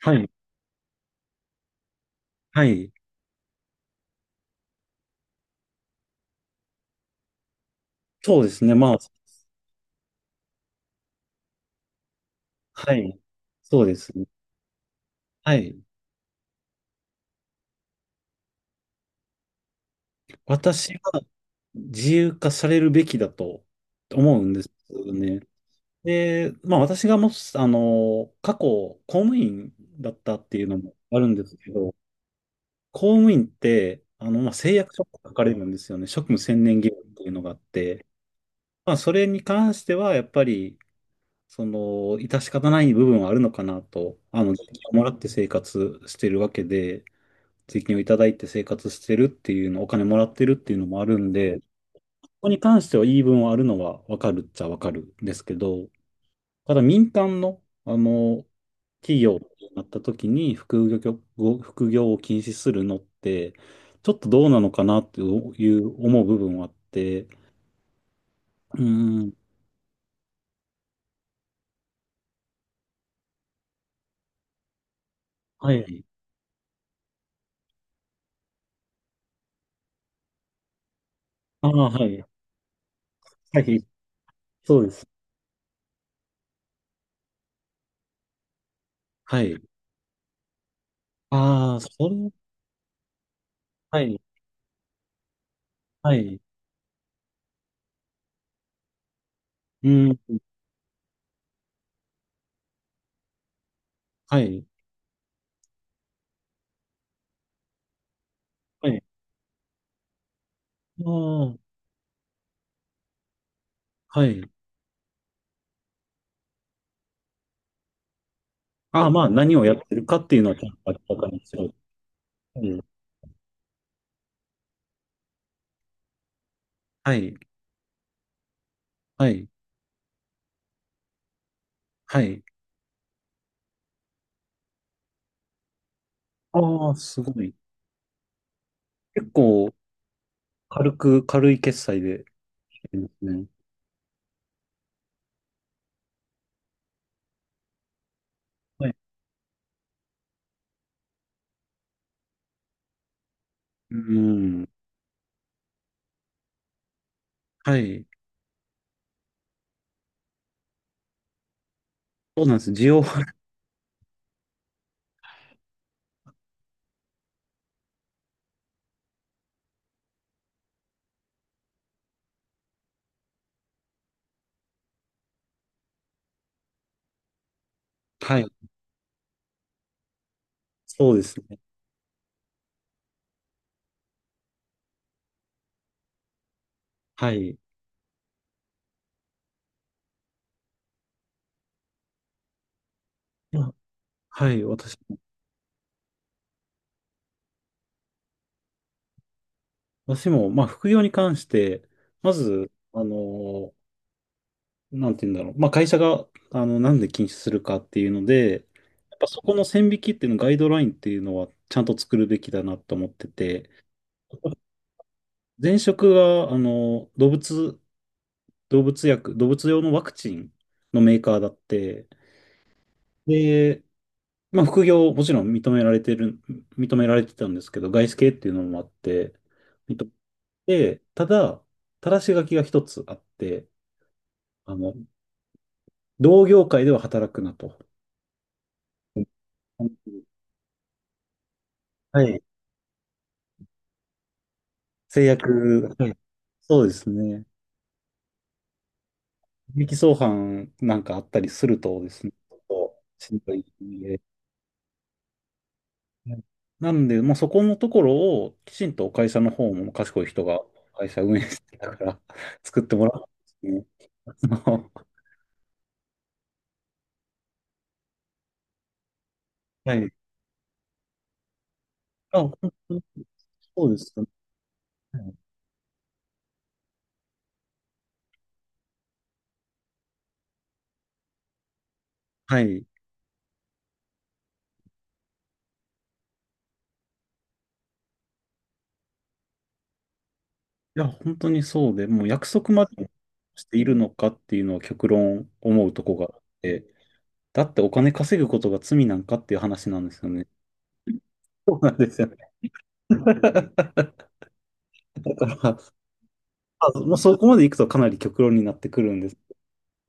はい。はい。そうですね。はい。そうですね。はい。私は自由化されるべきだと思うんですよね。で、まあ私がもし、過去公務員だったっていうのもあるんですけど、公務員って、まあ誓約書が書かれるんですよね。職務専念義務っていうのがあって、まあそれに関してはやっぱり、致し方ない部分はあるのかなと、税金をもらって生活してるわけで、税金をいただいて生活してるっていうの、お金もらってるっていうのもあるんで、ここに関しては言い分はあるのはわかるっちゃわかるんですけど、ただ民間の、企業になった時に副業、副業を禁止するのって、ちょっとどうなのかなっていう思う部分はあって、うーん、はい。ああ、はい。はい、そうです。はい。ああ、それ、はい、はい。うん、はい、はい。ああ、はい。ああ、まあ、何をやってるかっていうのはちゃんと明らかにしろ。うん、はい、はい、はい。ああ、すごい。結構、軽く、軽い決済でやりますね。はい。うん。はい。そうなんです。需要は、はい。そうですね。はい。まあ、はい。私も、まあ、副業に関して、まず、なんて言うんだろう。まあ、会社が、なんで禁止するかっていうので、やっぱそこの線引きっていうの、ガイドラインっていうのは、ちゃんと作るべきだなと思ってて、前職が、あの、動物用のワクチンのメーカーだって、で、まあ、副業、もちろん認められてる、認められてたんですけど、外資系っていうのもあって、認めて、ただ、ただし書きが一つあって、あの、同業界では働くなと。制約、はい、そうですね。利益相反なんかあったりするとですね、ちょっとしんどい。はい。なんで、もうそこのところをきちんと会社の方も賢い人が会社運営してたから 作ってもらうんですね。はい。あ、本当にそうですね。はい。いや、本当にそうで、もう約束までしているのかっていうのは極論思うとこがあって、だってお金稼ぐことが罪なんかっていう話なんですよね。そうなんですよね。だから、まあ、もうそこまで行くとかなり極論になってくるんです。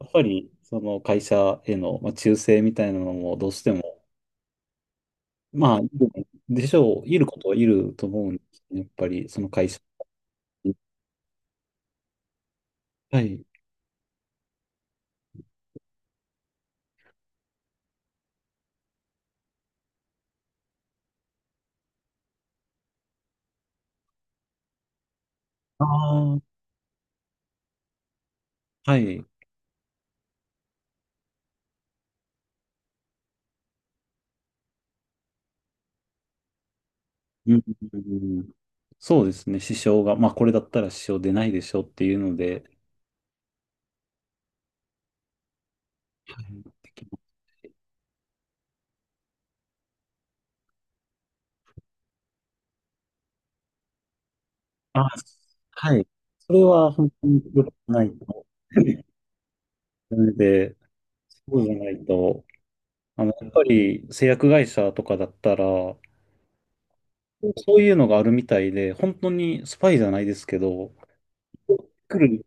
やっぱり、その会社への、まあ、忠誠みたいなのもどうしても、まあ、いるでしょう、いることはいると思うんですね。やっぱり、その会社に。はい。ああ、はい。うん、うん、うん、うん、そうですね、支障が、まあ、これだったら支障出ないでしょっていうので、はい、できます。あ、はい。それは本当に良くないと。なので、そうじゃないと、やっぱり製薬会社とかだったら、そういうのがあるみたいで、本当にスパイじゃないですけど、来る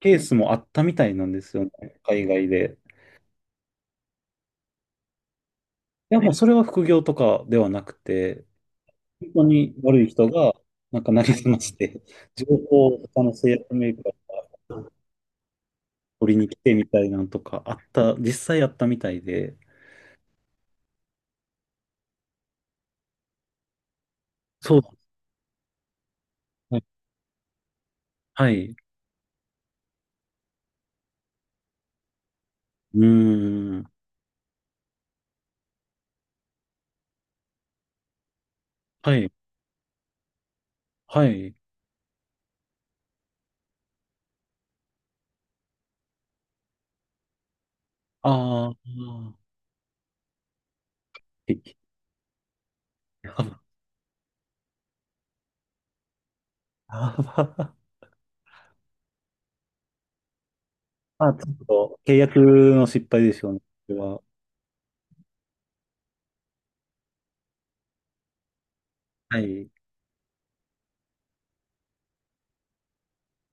ケースもあったみたいなんですよね、海外で。でもそれは副業とかではなくて、本当に悪い人が、なんかなりすまして、情報を他の製薬メーカーに取りに来てみたいなんとかあった、実際あったみたいで、そうですね。はい。うーん。はい。はい。ああ。やば。やば。 あ、ちょっと契約の失敗でしょうね。これは、はい。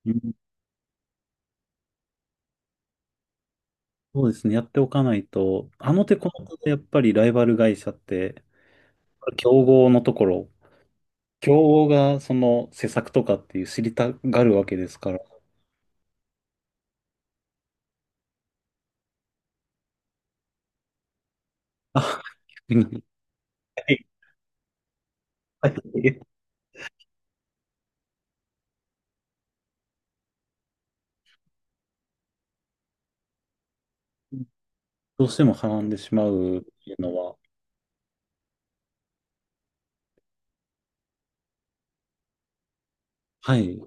うん、そうですね。やっておかないと、あの手この手でやっぱりライバル会社って、競合のところ、競合がその施策とかっていう知りたがるわけですから、あ、逆に、はい、はい、どうしてもはらんでしまうっていうのは、はい。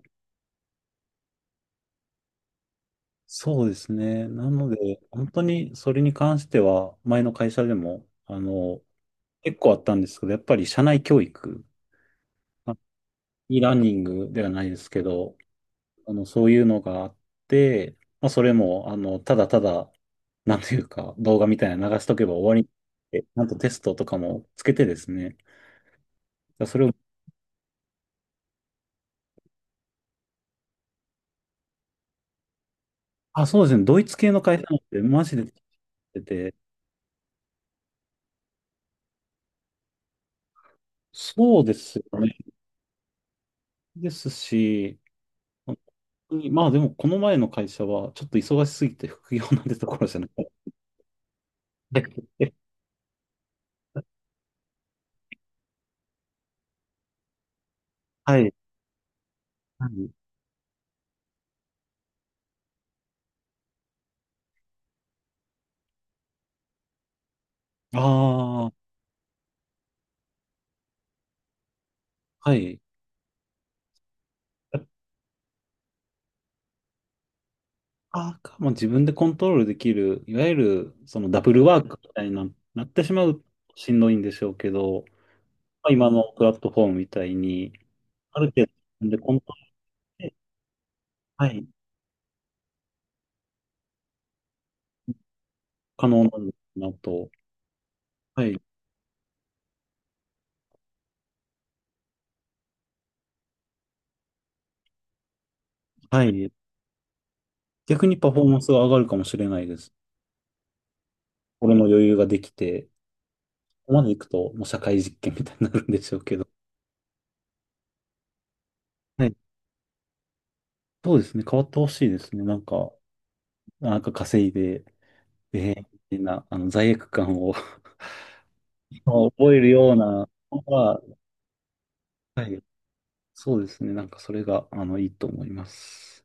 そうですね。なので、本当にそれに関しては、前の会社でも、結構あったんですけど、やっぱり社内教育、まあ e ラーニングではないですけど、そういうのがあって、まあ、それも、あの、ただただ、なんていうか、動画みたいなの流しとけば終わりって、ちゃんとテストとかもつけてですね。だからそれを、あ、そうですね。ドイツ系の会社なんて、マジで出てて、そうですよね。ですし、本当にまあでも、この前の会社は、ちょっと忙しすぎて副業なんてところじゃなくて。はい。はい。ああ、はい。あーか、も自分でコントロールできる、いわゆるそのダブルワークみたいな、なってしまうとしんどいんでしょうけど、まあ、今のプラットフォームみたいに、ある程度自分でコントロールで、はい、可能なんだなと、はい、はい、逆にパフォーマンスが上がるかもしれないです。俺の余裕ができて、ここまでいくともう社会実験みたいになるんでしょうけど、はい、そうですね、変わってほしいですね。なんか、なんか稼いで、えー、みたいな、あの罪悪感を 覚えるような、が、はい。そうですね。なんかそれが、いいと思います。